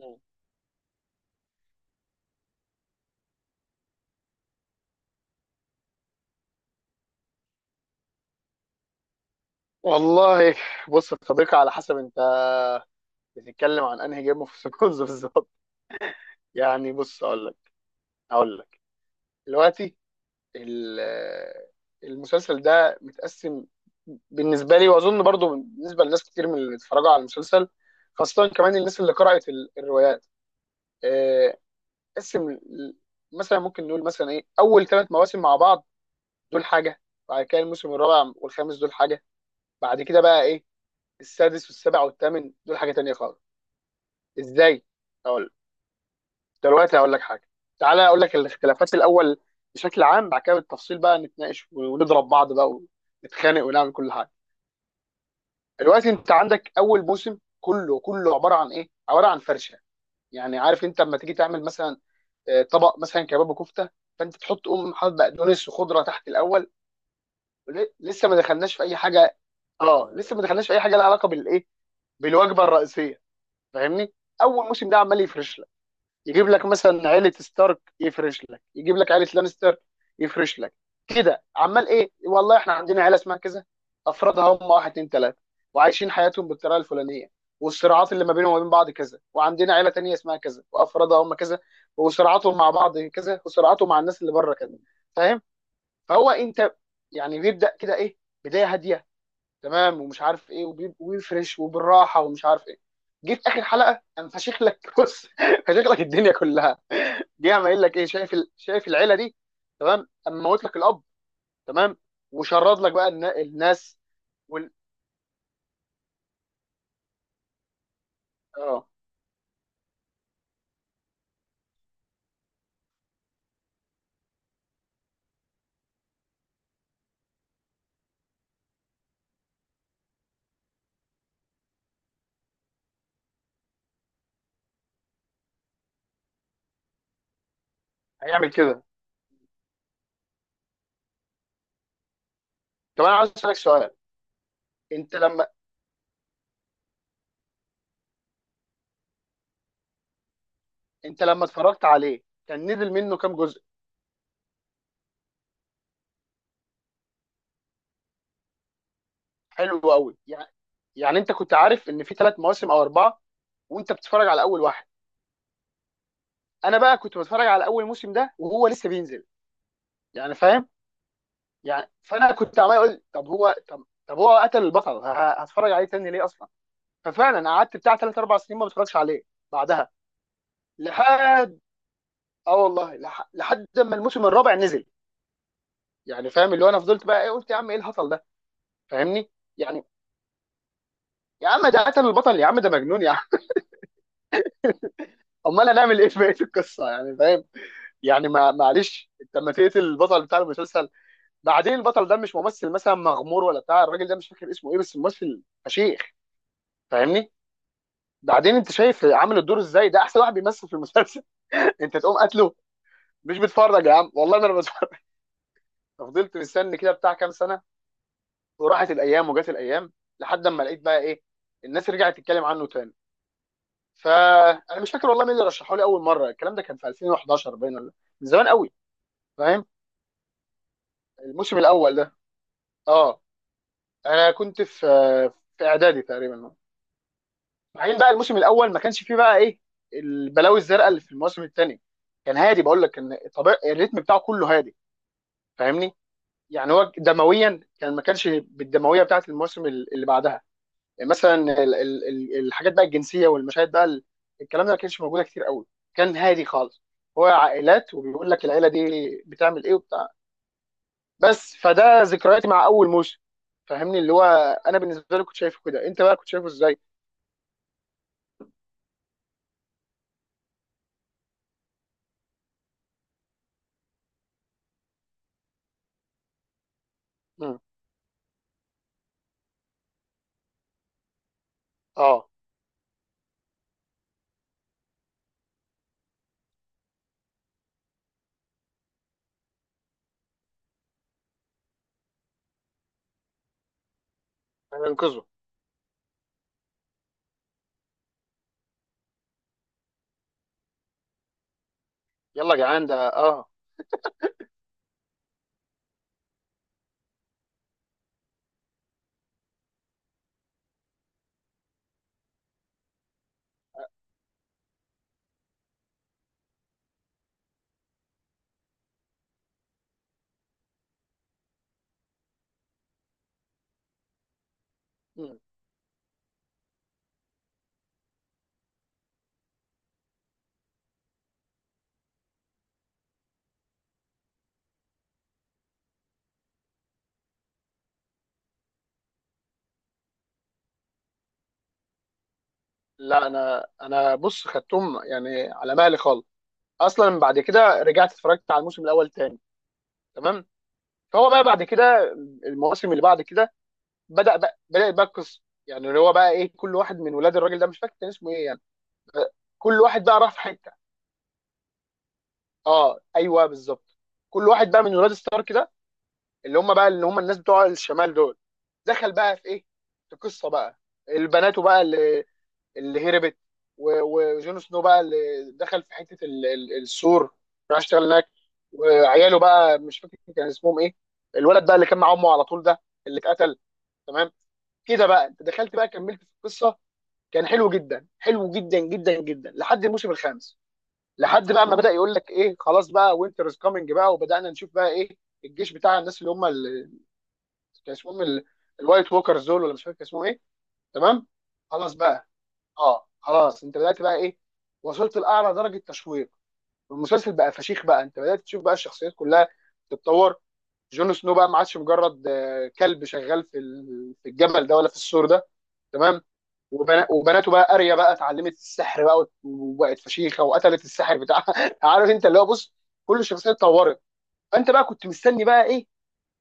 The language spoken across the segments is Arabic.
مم. والله، بص يا صديقي، على حسب انت بتتكلم عن انهي جيم اوف ثرونز بالظبط. يعني بص، اقول لك دلوقتي. ال- المسلسل ده متقسم بالنسبه لي، واظن برضو بالنسبه لناس كتير من اللي اتفرجوا على المسلسل، خاصه كمان الناس اللي قرات الروايات. آه، قسم مثلا ممكن نقول مثلا ايه، اول ثلاث مواسم مع بعض دول حاجه، بعد كده الموسم الرابع والخامس دول حاجه، بعد كده بقى ايه السادس والسابع والثامن دول حاجه تانية خالص. ازاي؟ اقول دلوقتي هقول لك حاجه. تعالى اقول لك الاختلافات الاول بشكل عام، بعد كده بالتفصيل بقى نتناقش ونضرب بعض بقى ونتخانق ونعمل كل حاجه. دلوقتي انت عندك اول موسم كله كله عباره عن ايه، عباره عن فرشه. يعني عارف انت لما تيجي تعمل مثلا طبق مثلا كباب وكفته، فانت تحط تقوم حاطط بقدونس وخضره تحت الاول. لسه ما دخلناش في اي حاجه. اه لسه ما دخلناش في اي حاجه لها علاقه بالايه، بالوجبه الرئيسيه. فاهمني؟ اول موسم ده عمال يفرش، يجيب لك مثلا عيله ستارك، يفرش لك، يجيب لك عيله لانستر، يفرش لك، كده عمال ايه، والله احنا عندنا عيله اسمها كذا، افرادها هم واحد اتنين تلاته، وعايشين حياتهم بالطريقه الفلانيه، والصراعات اللي ما بينهم وما بين بعض كذا، وعندنا عيله تانيه اسمها كذا وافرادها هم كذا، وصراعاتهم مع بعض كذا، وصراعاتهم مع الناس اللي بره كذا. فاهم؟ فهو انت يعني بيبدا كده ايه، بدايه هاديه، تمام، ومش عارف ايه، وبيفرش وبالراحه ومش عارف ايه. جيت اخر حلقه انا فشخ لك بص، فشخ لك الدنيا كلها. جه عم قايل لك ايه، شايف شايف العيله دي، تمام، اما موت لك الاب، تمام، وشرد لك بقى الناس. وال... اه، هيعمل كده. طب انا عايز اسالك سؤال. انت لما انت لما اتفرجت عليه كان نزل منه كام جزء؟ حلو قوي. يعني يعني انت كنت عارف ان في ثلاث مواسم او اربعه وانت بتتفرج على اول واحد. انا بقى كنت بتفرج على اول موسم ده وهو لسه بينزل، يعني فاهم؟ يعني فانا كنت عمال اقول طب هو طب هو قتل البطل، هتفرج عليه تاني ليه اصلا؟ ففعلا قعدت بتاع ثلاث اربع سنين ما بتفرجش عليه، بعدها، لحد، اه والله لحد ما الموسم الرابع نزل. يعني فاهم اللي هو انا فضلت بقى ايه، قلت يا عم ايه الهطل ده. فاهمني؟ يعني يا عم ده قتل البطل، يا عم ده مجنون، يا عم امال هنعمل ايه في بقيه القصه؟ يعني فاهم؟ يعني، ما معلش، انت لما تقتل البطل بتاع المسلسل، بعدين البطل ده مش ممثل مثلا مغمور ولا بتاع، الراجل ده مش فاكر اسمه ايه بس ممثل فشيخ. فاهمني؟ بعدين انت شايف عامل الدور ازاي، ده احسن واحد بيمثل في المسلسل انت تقوم قاتله؟ مش بتفرج يا عم، والله ما انا بتفرج. ففضلت مستني كده بتاع كام سنه، وراحت الايام وجت الايام، لحد ما لقيت بقى ايه، الناس رجعت تتكلم عنه تاني. فانا مش فاكر والله مين اللي رشحه لي اول مره، الكلام ده كان في 2011 باين، ولا من زمان قوي. فاهم؟ الموسم الاول ده. اه انا كنت في اعدادي تقريبا. بعدين بقى الموسم الاول ما كانش فيه بقى ايه البلاوي الزرقاء اللي في الموسم الثاني. كان هادي، بقول لك كان طبيعي الريتم بتاعه كله هادي. فاهمني؟ يعني هو دمويا كان ما كانش بالدمويه بتاعت الموسم اللي بعدها. يعني مثلا الحاجات بقى الجنسيه، والمشاهد بقى الكلام ده ما كانش موجوده كتير قوي. كان هادي خالص. هو عائلات وبيقول لك العيله دي بتعمل ايه وبتاع. بس فده ذكرياتي مع اول موسم. فاهمني اللي هو، انا بالنسبه لي كنت شايفه كده، انت بقى كنت شايفه ازاي؟ مم. اه انا انقذه. يلا يا جدعان، ده اه. مم. لا انا، بص خدتهم يعني على مهلي خالص. اصلا بعد كده رجعت اتفرجت على الموسم الاول تاني، تمام. فهو بقى بعد كده، المواسم اللي بعد كده، بدا بقى القصه. يعني اللي هو بقى ايه، كل واحد من ولاد الراجل ده مش فاكر كان اسمه ايه، يعني كل واحد بقى راح في حته. اه ايوه بالظبط. كل واحد بقى من ولاد ستارك ده، اللي هم بقى اللي هم الناس بتوع الشمال دول، دخل بقى في ايه، في قصه بقى. البنات بقى اللي، اللي هربت، وجون سنو بقى، اللي دخل في حته السور، راح اشتغل هناك. وعياله بقى مش فاكر كان اسمهم ايه، الولد بقى اللي كان مع امه على طول ده، اللي اتقتل، تمام. كده بقى انت دخلت بقى كملت في القصه. كان حلو جدا، حلو جدا جدا جدا، لحد الموسم الخامس. لحد بقى ما بدا يقول لك ايه، خلاص بقى وينتر از كامينج بقى وبدانا نشوف بقى ايه الجيش بتاع الناس اللي هم كان اسمهم الوايت ووكرز دول ولا مش فاكر كان اسمهم ايه. تمام. خلاص بقى. اه خلاص، انت بدات بقى ايه، وصلت لاعلى درجه تشويق، والمسلسل بقى فشيخ، بقى انت بدات تشوف بقى الشخصيات كلها تتطور. جون سنو بقى ما عادش مجرد كلب شغال في في الجبل ده ولا في السور ده، تمام. وبناته بقى اريا بقى اتعلمت السحر بقى، وبقت فشيخه وقتلت السحر بتاعها عارف انت اللي هو بص، كل شخصيه اتطورت. فانت بقى كنت مستني بقى ايه،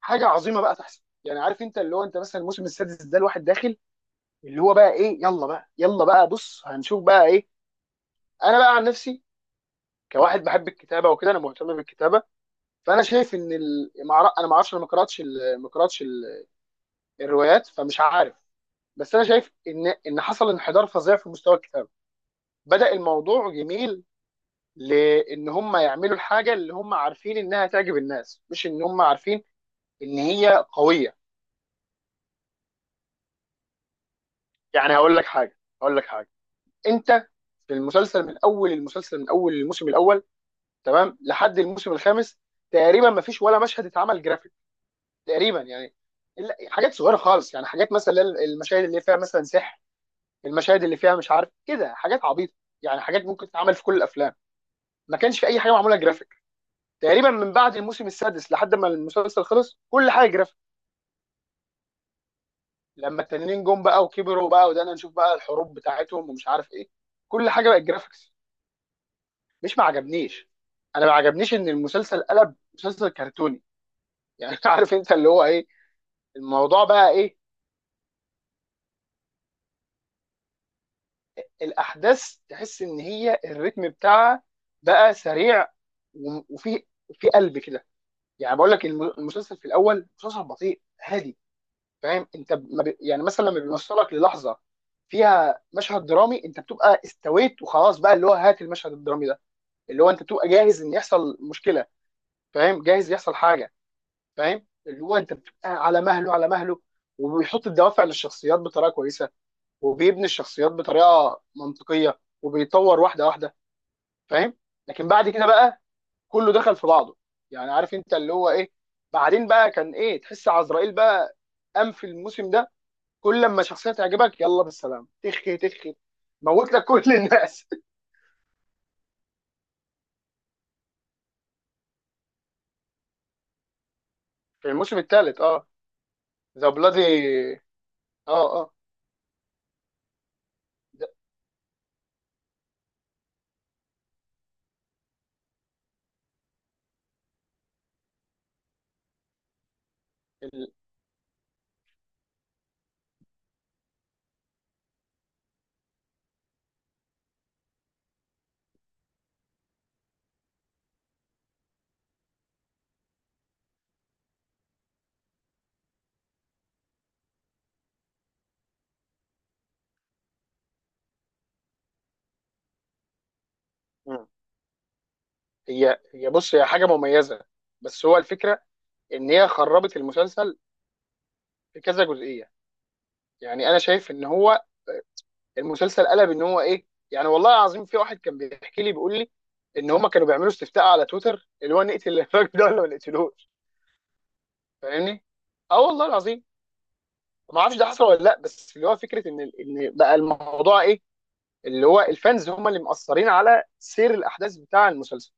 حاجه عظيمه بقى تحصل. يعني عارف انت اللي هو، انت مثلا الموسم السادس ده الواحد داخل اللي هو بقى ايه يلا بقى يلا بقى بص هنشوف بقى ايه. انا بقى عن نفسي، كواحد بحب الكتابه وكده انا مهتم بالكتابه، فانا شايف ان انا ما اعرفش، انا ما قراتش الروايات، فمش عارف. بس انا شايف ان حصل انحدار فظيع في مستوى الكتابه. بدأ الموضوع جميل، لان هم يعملوا الحاجه اللي هم عارفين انها تعجب الناس، مش ان هم عارفين ان هي قويه. يعني هقول لك حاجه. انت، في المسلسل من اول المسلسل من اول الموسم الاول، تمام، لحد الموسم الخامس، تقريبا ما فيش ولا مشهد اتعمل جرافيك، تقريبا يعني، حاجات صغيره خالص. يعني حاجات مثلا المشاهد اللي فيها مثلا سحر، المشاهد اللي فيها مش عارف كده حاجات عبيطه. يعني حاجات ممكن تتعمل في كل الافلام، ما كانش في اي حاجه معموله جرافيك تقريبا. من بعد الموسم السادس لحد ما المسلسل خلص، كل حاجه جرافيك. لما التانيين جم بقى وكبروا بقى وده نشوف بقى الحروب بتاعتهم ومش عارف ايه، كل حاجه بقت جرافيكس. مش ما عجبنيش، انا ما عجبنيش ان المسلسل قلب مسلسل كرتوني. يعني عارف انت اللي هو ايه، الموضوع بقى ايه، الاحداث تحس ان هي الريتم بتاعها بقى سريع وفي قلب كده. يعني بقول لك المسلسل في الاول مسلسل بطيء هادي. فاهم انت ما يعني مثلا لما بيوصلك للحظه فيها مشهد درامي، انت بتبقى استويت وخلاص بقى اللي هو هات المشهد الدرامي ده، اللي هو انت تبقى جاهز ان يحصل مشكله. فاهم؟ جاهز يحصل حاجه. فاهم اللي هو انت بتبقى على مهله على مهله، وبيحط الدوافع للشخصيات بطريقه كويسه، وبيبني الشخصيات بطريقه منطقيه وبيطور واحده واحده. فاهم؟ لكن بعد كده بقى كله دخل في بعضه. يعني عارف انت اللي هو ايه، بعدين بقى كان ايه، تحس عزرائيل بقى قام في الموسم ده، كل لما شخصيه تعجبك يلا بالسلام، تخي تخي، موت لك كل الناس. في الموسم الثالث اه. ذا بلادي، اه. اه. مم. هي هي بص، هي حاجه مميزه، بس هو الفكره ان هي خربت المسلسل في كذا جزئيه. يعني انا شايف ان هو المسلسل قلب، ان هو ايه، يعني والله العظيم في واحد كان بيحكي لي بيقول لي ان هم كانوا بيعملوا استفتاء على تويتر اللي هو نقتل الراجل ده ولا ما نقتلوش. فاهمني؟ اه والله العظيم، ما اعرفش ده حصل ولا لا، بس اللي هو فكره ان بقى الموضوع ايه، اللي هو الفانز هم اللي مأثرين على سير الاحداث بتاع المسلسل،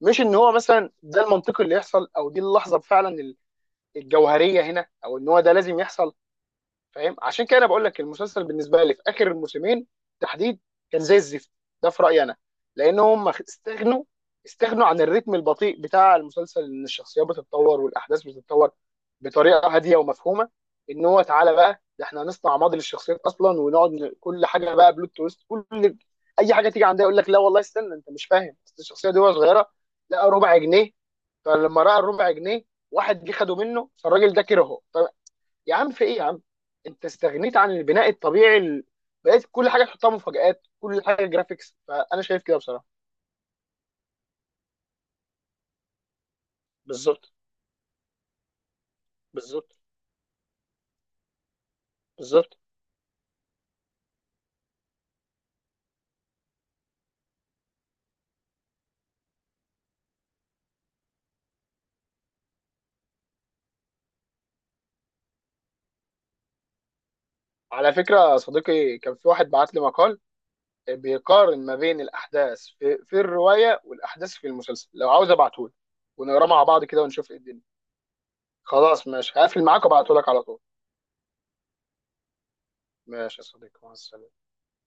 مش ان هو مثلا ده المنطقي اللي يحصل او دي اللحظه فعلا الجوهريه هنا، او ان هو ده لازم يحصل. فاهم؟ عشان كده انا بقول لك المسلسل بالنسبه لي في اخر الموسمين تحديد كان زي الزفت. ده في رايي انا. لان هم استغنوا، استغنوا عن الريتم البطيء بتاع المسلسل، ان الشخصيات بتتطور والاحداث بتتطور بطريقه هاديه ومفهومه، ان هو تعالى بقى ده احنا هنصنع ماضي للشخصيات اصلا، ونقعد كل حاجه بقى بلوت تويست، كل اي حاجه تيجي عندها يقول لك لا والله استنى انت مش فاهم، أصل الشخصيه دي وهي صغيره لقى ربع جنيه، فلما راى الربع جنيه واحد جه خده منه، فالراجل ده كرهه. طب يا عم في ايه يا عم، انت استغنيت عن البناء الطبيعي بقيت كل حاجه تحطها مفاجآت، كل حاجه جرافيكس. فانا شايف كده بصراحه. بالظبط بالظبط بالظبط. على فكره يا صديقي، كان في واحد بعت لي مقال بيقارن ما بين الاحداث في الروايه والاحداث في المسلسل، لو عاوز ابعته لك ونقراه مع بعض كده ونشوف ايه الدنيا. خلاص ماشي، هقفل معاك وابعته لك على طول. ماشي يا صديقي، مع السلامه.